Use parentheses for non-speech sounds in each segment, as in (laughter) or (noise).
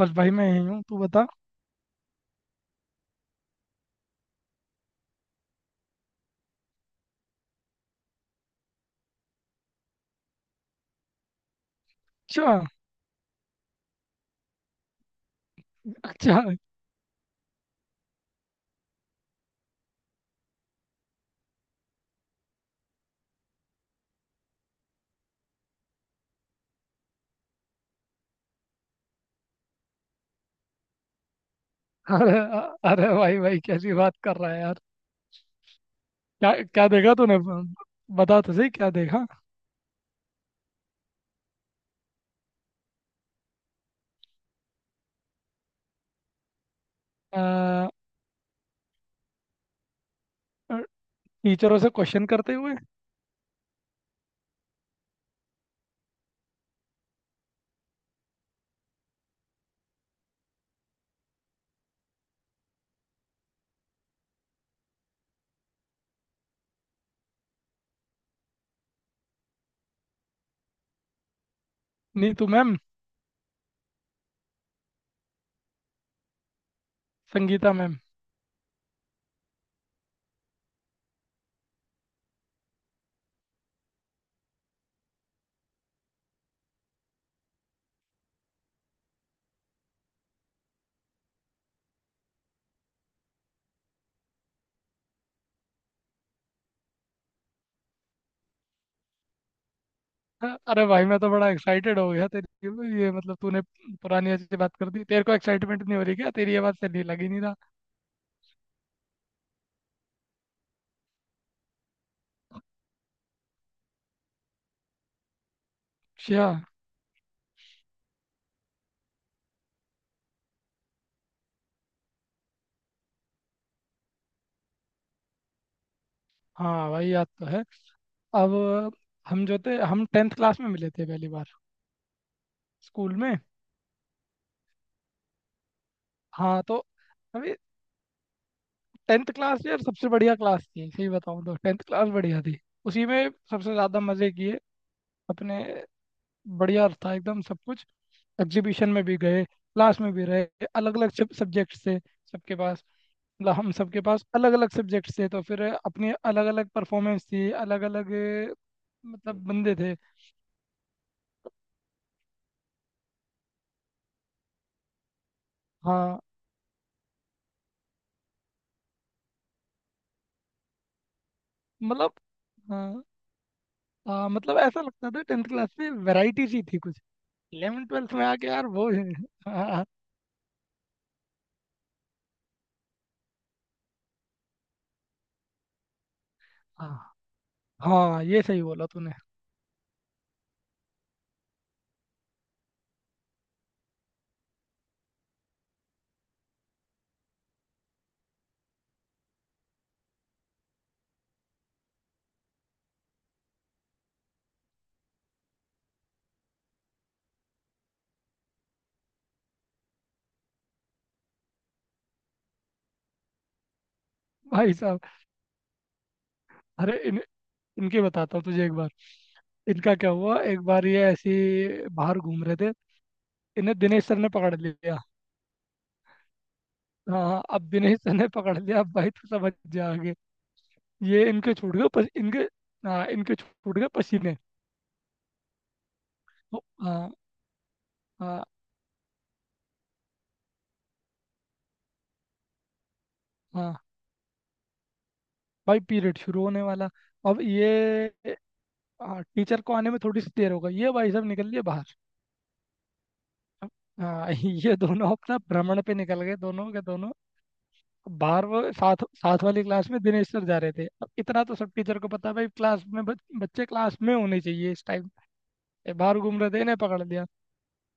बस भाई, मैं यही हूँ। तू बता। अच्छा। अच्छा। अरे अरे भाई भाई, कैसी बात कर रहा है यार? क्या क्या देखा तूने? बता तो सही, क्या देखा? अ, टीचरों से क्वेश्चन करते हुए। नीतू मैम। संगीता मैम। अरे भाई, मैं तो बड़ा एक्साइटेड हो गया। तेरी ये मतलब तूने पुरानी अच्छी बात कर दी। तेरे को एक्साइटमेंट नहीं हो रही क्या? तेरी ये बात से नहीं लगी, नहीं रहा। अच्छा। हाँ भाई, याद तो है। अब। हम जो थे, हम टेंथ क्लास में मिले थे पहली बार। स्कूल में। हाँ तो। अभी। टेंथ क्लास यार सबसे बढ़िया क्लास थी, सही बताऊँ तो टेंथ क्लास बढ़िया थी। उसी में सबसे ज़्यादा मज़े किए अपने। बढ़िया था एकदम सब कुछ। एग्जीबिशन में भी गए, क्लास में भी रहे। अलग अलग सब्जेक्ट से सबके पास। मतलब हम सबके पास अलग अलग सब्जेक्ट से, तो फिर अपनी अलग अलग परफॉर्मेंस थी, अलग अलग। मतलब बंदे थे। हाँ। मतलब। हाँ हाँ, मतलब ऐसा लगता था टेंथ क्लास में वैरायटी सी थी कुछ। इलेवन ट्वेल्थ में आके यार वो (laughs) हाँ। हाँ। हाँ, ये सही बोला तूने। भाई साहब। अरे इन इनकी बताता हूँ तुझे एक बार। इनका क्या हुआ एक बार, ये ऐसी। बाहर घूम रहे थे। इन्हें दिनेश सर ने पकड़ लिया। हाँ, अब दिनेश सर ने पकड़ लिया, अब भाई तू समझ जा आगे। ये इनके छूट गए इनके। हाँ, इनके छूट गए पसीने। तो, हाँ। हाँ। हाँ भाई, पीरियड शुरू होने वाला। अब ये। हाँ, टीचर को आने में थोड़ी सी देर हो गई, ये भाई साहब निकल लिए बाहर। हाँ (laughs) ये दोनों अपना भ्रमण पे निकल गए, दोनों के दोनों। बारहवीं साथ साथ वाली क्लास में दिनेश सर जा रहे थे। अब इतना तो सब टीचर को पता है भाई, क्लास में बच्चे क्लास में होने चाहिए इस टाइम। बाहर घूम रहे थे, इन्हें पकड़ लिया।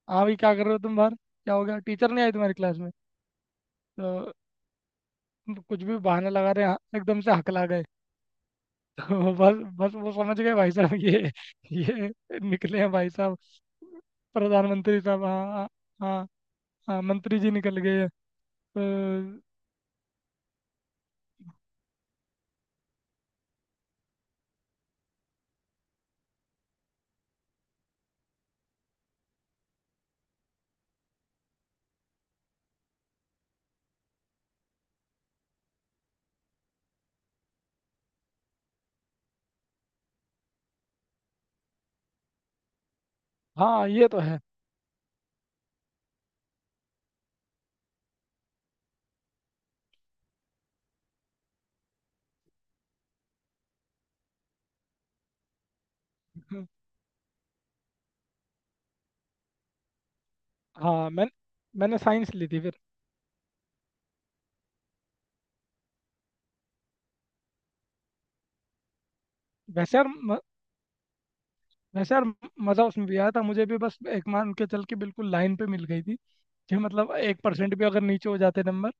हाँ भाई, क्या कर रहे हो तुम बाहर? क्या हो गया, टीचर नहीं आई तुम्हारी क्लास में? तो। कुछ भी बहाना लगा रहे, हाँ, एकदम से हकला गए। (laughs) तो बस बस, वो समझ गए भाई साहब, ये। ये। निकले हैं भाई साहब। प्रधानमंत्री साहब, हाँ हाँ। हाँ। हाँ, मंत्री जी निकल गए हैं। तो, हाँ। ये तो है। हाँ। मैं। मैंने साइंस ली थी फिर। वैसे यार वैसे यार, मज़ा उसमें भी आया था मुझे भी, बस एक मान के चल के बिल्कुल लाइन पे मिल गई थी कि मतलब 1% भी अगर नीचे हो जाते नंबर,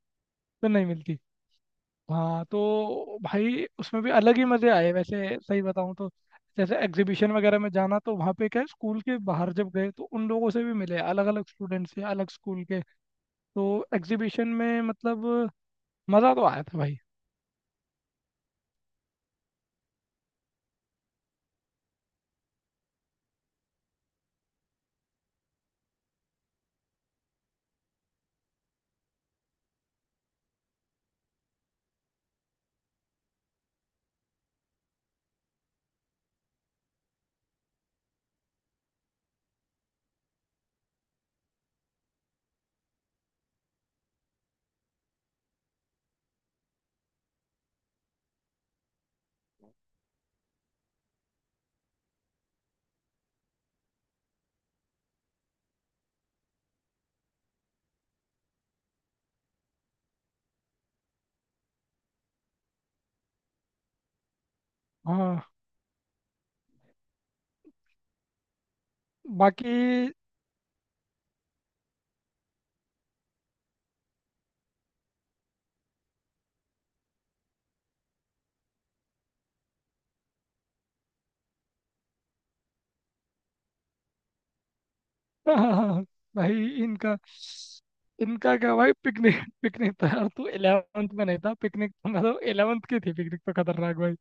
तो नहीं मिलती। हाँ तो भाई, उसमें भी अलग ही मज़े आए वैसे, सही बताऊँ तो। जैसे एग्जीबिशन वगैरह में जाना, तो वहाँ पे क्या है, स्कूल के बाहर जब गए तो उन लोगों से भी मिले, अलग अलग स्टूडेंट्स से, अलग स्कूल के। तो। एग्जीबिशन में मतलब। मज़ा तो आया था भाई। हाँ। बाकी। (laughs) भाई, इनका इनका क्या भाई, पिकनिक। पिकनिक तो यार तू 11th में नहीं था, पिकनिक तो मतलब 11th की थी, पिकनिक तो खतरनाक भाई।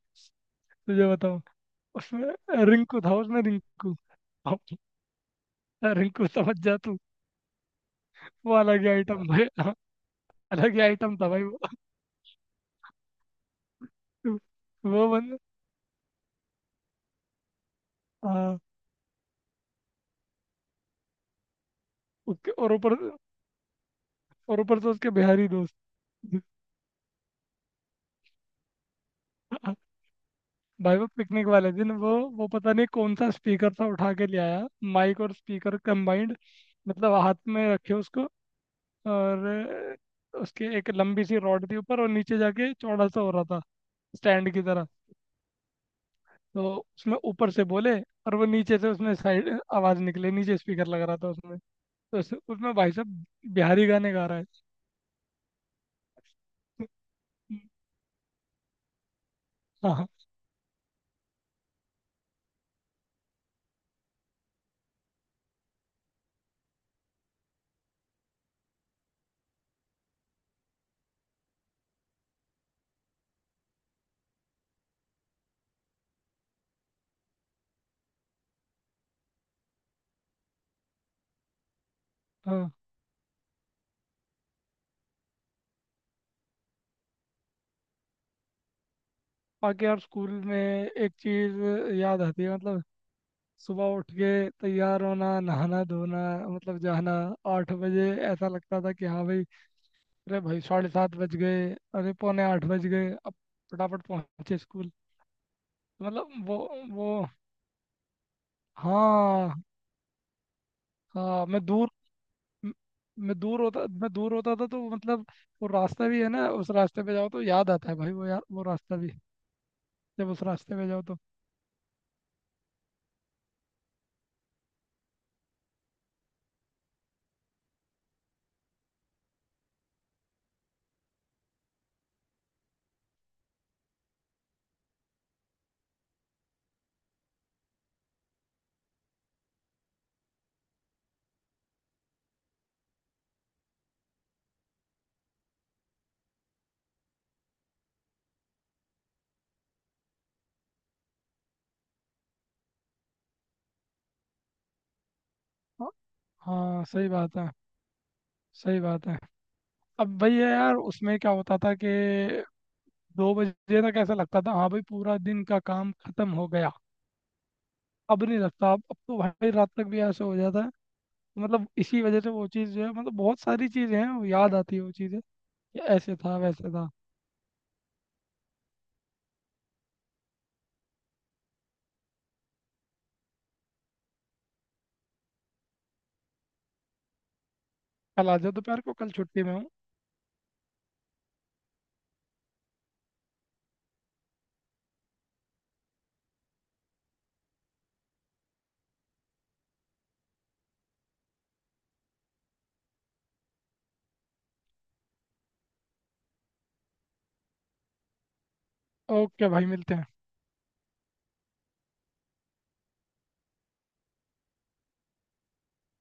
तुझे बताऊं। उसमें रिंकू था, उसमें रिंकू। अब। रिंकू समझ जा तू। वो अलग ही आइटम भाई। अलग ही आइटम था भाई। वो। वो बंदा। हाँ। उसके और ऊपर। और ऊपर से उसके बिहारी दोस्त। (laughs) भाई, वो पिकनिक वाले दिन वो पता नहीं कौन सा स्पीकर था, उठा के ले आया। माइक और स्पीकर कंबाइंड। मतलब हाथ में रखे उसको। और उसके एक लंबी सी रॉड थी, ऊपर और नीचे जाके चौड़ा सा हो रहा था। स्टैंड की तरह। तो उसमें ऊपर से बोले और वो नीचे से उसमें साइड आवाज निकले, नीचे स्पीकर लग रहा था उसमें। तो उसमें भाई साहब, बिहारी गाने गा रहा है। (laughs) हाँ। हाँ। बाकी यार, स्कूल में एक चीज याद आती है, मतलब सुबह उठ के तैयार होना, नहाना धोना, मतलब जाना। 8 बजे ऐसा लगता था कि हाँ भाई, अरे भाई 7:30 बज गए, अरे 7:45 बज गए अब, फटाफट पहुंचे स्कूल। मतलब वो। हाँ हाँ। मैं दूर। म- मैं दूर होता था तो मतलब वो रास्ता भी है ना, उस रास्ते पे जाओ तो याद आता है भाई वो, यार वो रास्ता भी, जब उस रास्ते पे जाओ तो। हाँ। हाँ, सही बात है। सही बात है। अब भाई है यार, उसमें क्या होता था कि 2 बजे तक ऐसा लगता था हाँ भाई, पूरा दिन का काम खत्म हो गया। अब नहीं लगता, अब तो भाई रात तक भी ऐसे हो जाता है। तो मतलब इसी वजह से वो चीज़ जो है, मतलब बहुत सारी चीज़ें हैं, वो याद आती है वो चीज़ें, कि ऐसे था, वैसे था। कल आ जाओ दोपहर को, कल छुट्टी में हूँ। ओके भाई, मिलते हैं।